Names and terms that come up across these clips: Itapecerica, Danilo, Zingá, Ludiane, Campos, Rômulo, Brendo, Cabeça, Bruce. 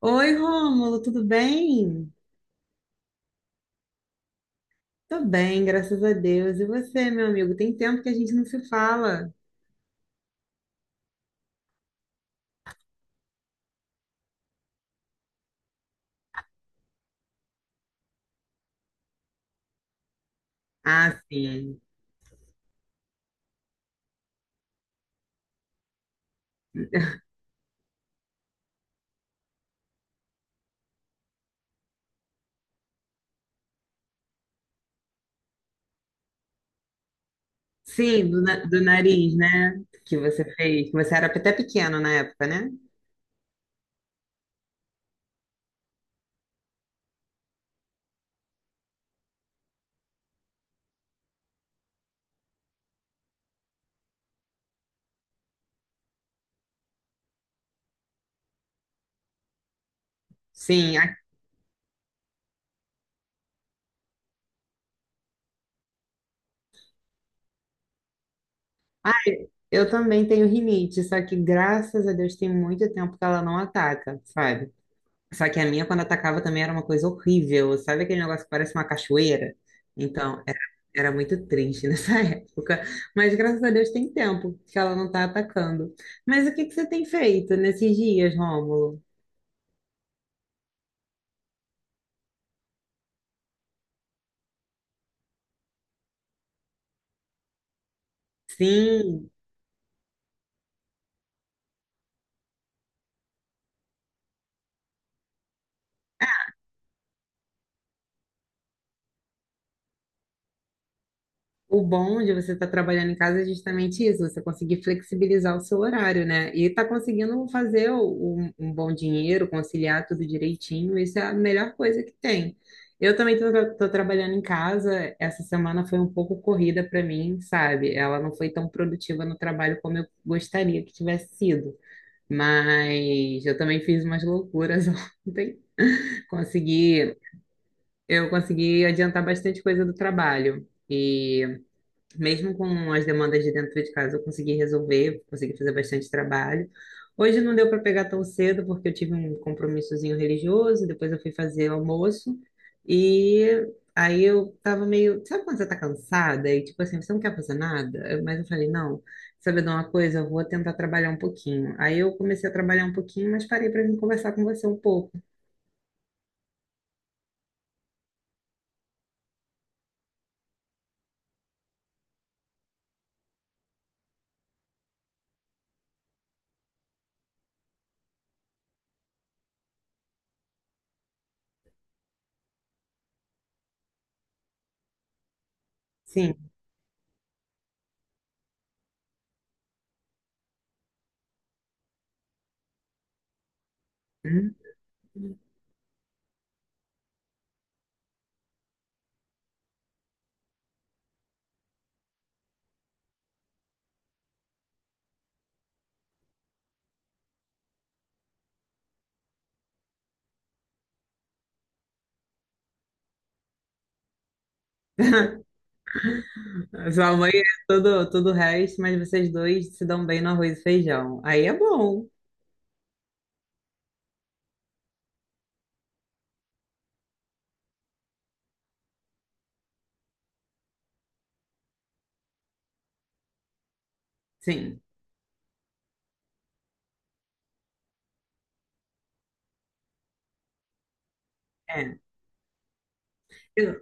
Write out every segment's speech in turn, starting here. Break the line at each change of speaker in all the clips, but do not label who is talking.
Oi, Rômulo, tudo bem? Tô bem, graças a Deus. E você, meu amigo? Tem tempo que a gente não se fala. Ah, sim. Sim, do nariz, né? Que você fez, que você era até pequeno na época, né? Sim. Ah, eu também tenho rinite, só que graças a Deus tem muito tempo que ela não ataca, sabe? Só que a minha, quando atacava, também era uma coisa horrível. Sabe aquele negócio que parece uma cachoeira? Então, era muito triste nessa época. Mas graças a Deus tem tempo que ela não tá atacando. Mas o que que você tem feito nesses dias, Rômulo? Sim. O bom de você estar trabalhando em casa é justamente isso, você conseguir flexibilizar o seu horário, né? E tá conseguindo fazer um bom dinheiro, conciliar tudo direitinho, isso é a melhor coisa que tem. Eu também tô trabalhando em casa, essa semana foi um pouco corrida para mim, sabe? Ela não foi tão produtiva no trabalho como eu gostaria que tivesse sido. Mas eu também fiz umas loucuras ontem. Consegui, eu consegui adiantar bastante coisa do trabalho. E mesmo com as demandas de dentro de casa, eu consegui resolver, consegui fazer bastante trabalho. Hoje não deu para pegar tão cedo, porque eu tive um compromissozinho religioso, depois eu fui fazer almoço, e aí eu tava meio. Sabe quando você tá cansada? E tipo assim, você não quer fazer nada? Mas eu falei, não, sabe de uma coisa? Eu vou tentar trabalhar um pouquinho. Aí eu comecei a trabalhar um pouquinho, mas parei para vir conversar com você um pouco. Sim. Hum? A sua mãe é tudo, tudo o resto, mas vocês dois se dão bem no arroz e feijão. Aí é bom, sim. É. Eu,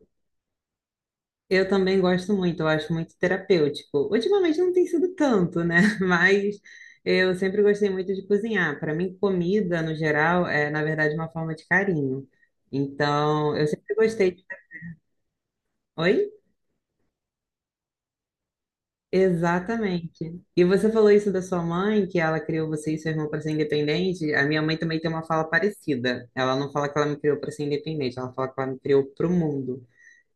eu também gosto muito, eu acho muito terapêutico. Ultimamente não tem sido tanto, né? Mas eu sempre gostei muito de cozinhar. Para mim, comida, no geral, é, na verdade, uma forma de carinho. Então, eu sempre gostei. Oi? Exatamente. E você falou isso da sua mãe, que ela criou você e seu irmão para ser independente. A minha mãe também tem uma fala parecida. Ela não fala que ela me criou para ser independente, ela fala que ela me criou para o mundo.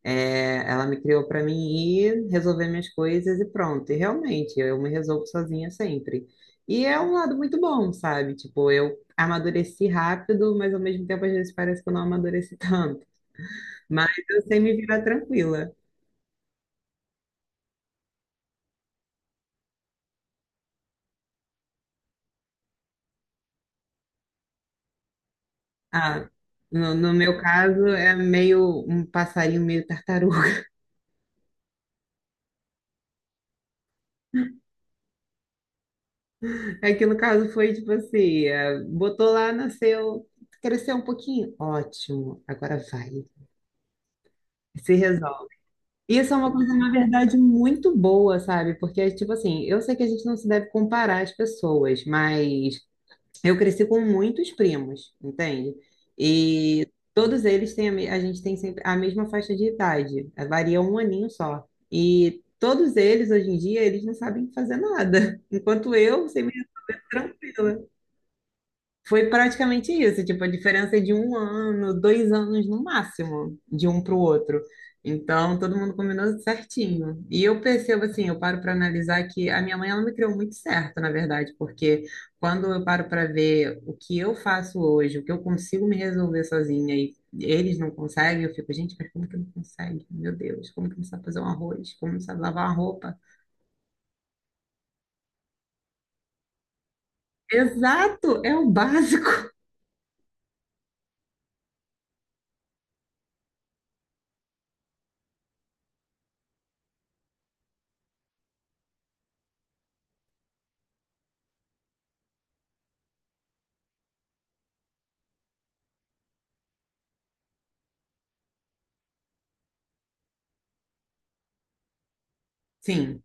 É, ela me criou para mim ir resolver minhas coisas e pronto. E realmente, eu me resolvo sozinha sempre. E é um lado muito bom, sabe? Tipo, eu amadureci rápido, mas ao mesmo tempo às vezes parece que eu não amadureci tanto. Mas eu sei me virar tranquila. Ah, no meu caso é meio um passarinho meio tartaruga. É que no caso foi tipo assim, é, botou lá, nasceu, cresceu um pouquinho, ótimo, agora vai, se resolve. Isso é uma coisa, na verdade, muito boa, sabe? Porque, tipo assim, eu sei que a gente não se deve comparar as pessoas, mas eu cresci com muitos primos, entende? E todos eles a gente tem sempre a mesma faixa de idade, eh, varia um aninho só. E todos eles hoje em dia eles não sabem fazer nada, enquanto eu sei meio tranquila. Foi praticamente isso, tipo, a diferença é de um ano, 2 anos no máximo, de um para o outro. Então, todo mundo combinou certinho. E eu percebo assim, eu paro para analisar que a minha mãe, ela me criou muito certo, na verdade, porque quando eu paro para ver o que eu faço hoje, o que eu consigo me resolver sozinha e eles não conseguem, eu fico, gente, mas como que não consegue? Meu Deus, como que não sabe fazer um arroz? Como não sabe lavar uma roupa? Exato, é o básico. Sim,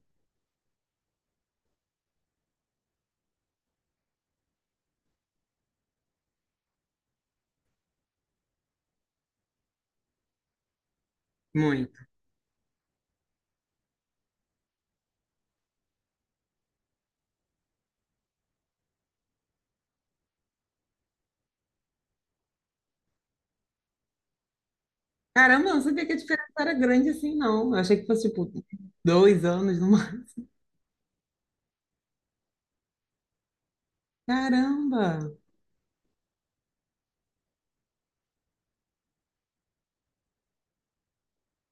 muito. Caramba, eu não sabia que a diferença era grande assim, não. Eu achei que fosse, tipo, 2 anos numa. Caramba!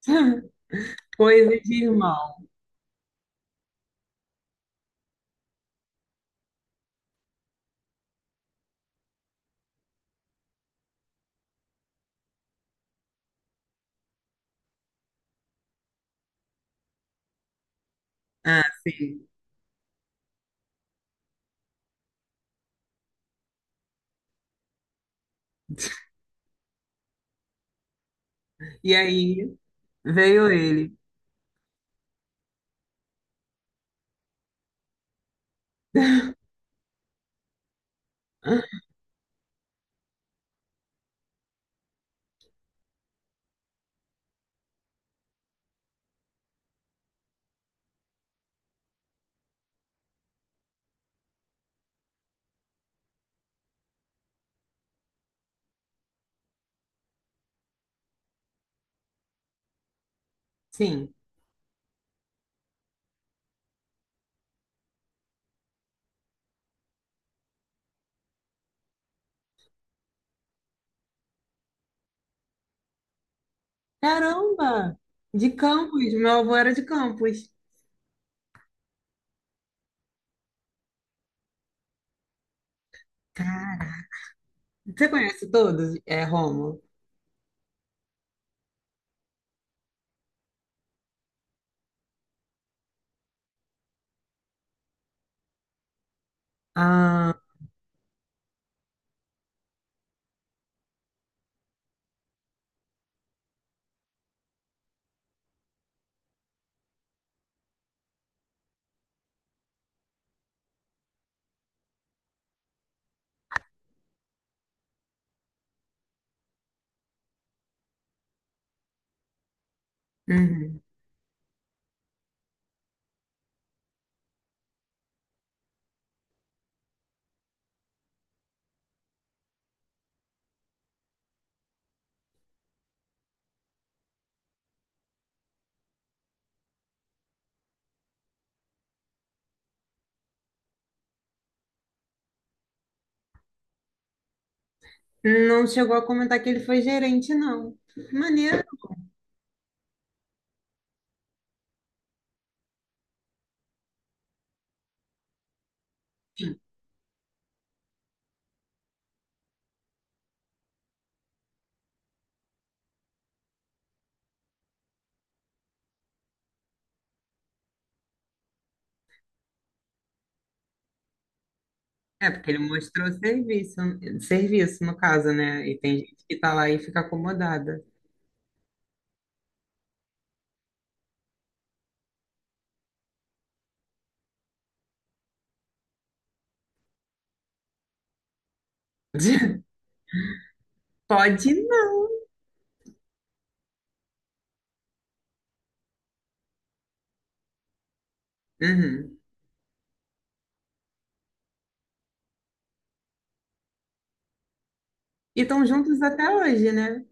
Coisa de irmão. Ah, sim. E aí veio ele. Sim. Caramba! De Campos. Meu avô era de Campos. Cara. Você conhece todos? É, Rômulo? Ah, uhum. Não chegou a comentar que ele foi gerente, não. Maneiro. É, porque ele mostrou serviço, serviço no caso, né? E tem gente que tá lá e fica acomodada. Pode não. Uhum. E estão juntos até hoje, né?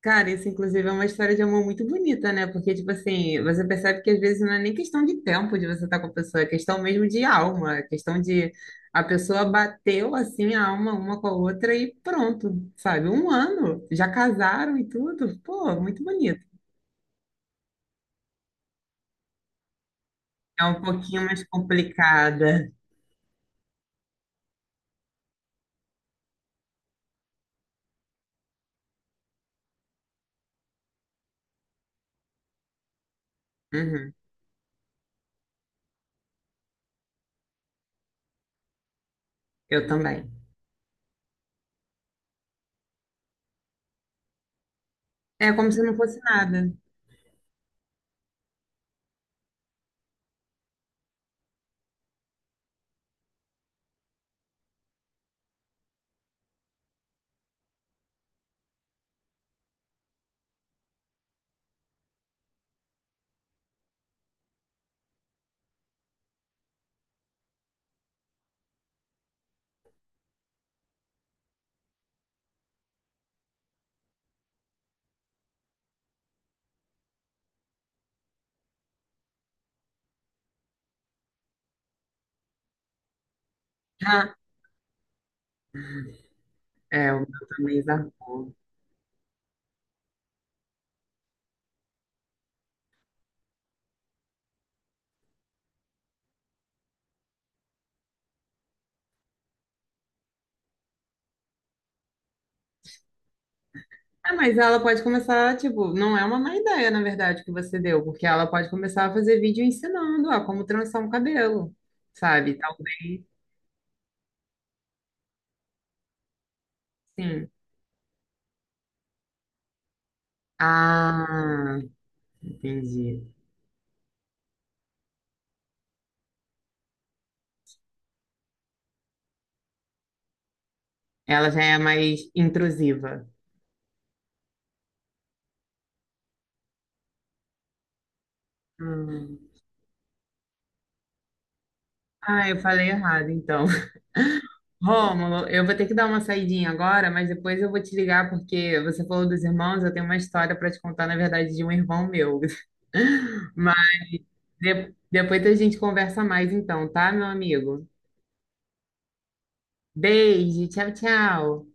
Cara, isso inclusive é uma história de amor muito bonita, né? Porque, tipo assim, você percebe que às vezes não é nem questão de tempo de você estar com a pessoa, é questão mesmo de alma, é questão de a pessoa bateu assim a alma uma com a outra e pronto, sabe? Um ano, já casaram e tudo. Pô, muito bonito. É um pouquinho mais complicada. Uhum. Eu também. É como se não fosse nada. Ah, é, o meu também zarpou. Ah, mas ela pode começar, tipo, não é uma má ideia, na verdade, que você deu, porque ela pode começar a fazer vídeo ensinando, ó, como trançar um cabelo, sabe? Talvez, sim. Ah, entendi. Ela já é mais intrusiva. Hum. Ah, eu falei errado, então. Rômulo, eu vou ter que dar uma saidinha agora, mas depois eu vou te ligar porque você falou dos irmãos, eu tenho uma história para te contar, na verdade, de um irmão meu. Mas depois a gente conversa mais então, tá, meu amigo? Beijo, tchau, tchau.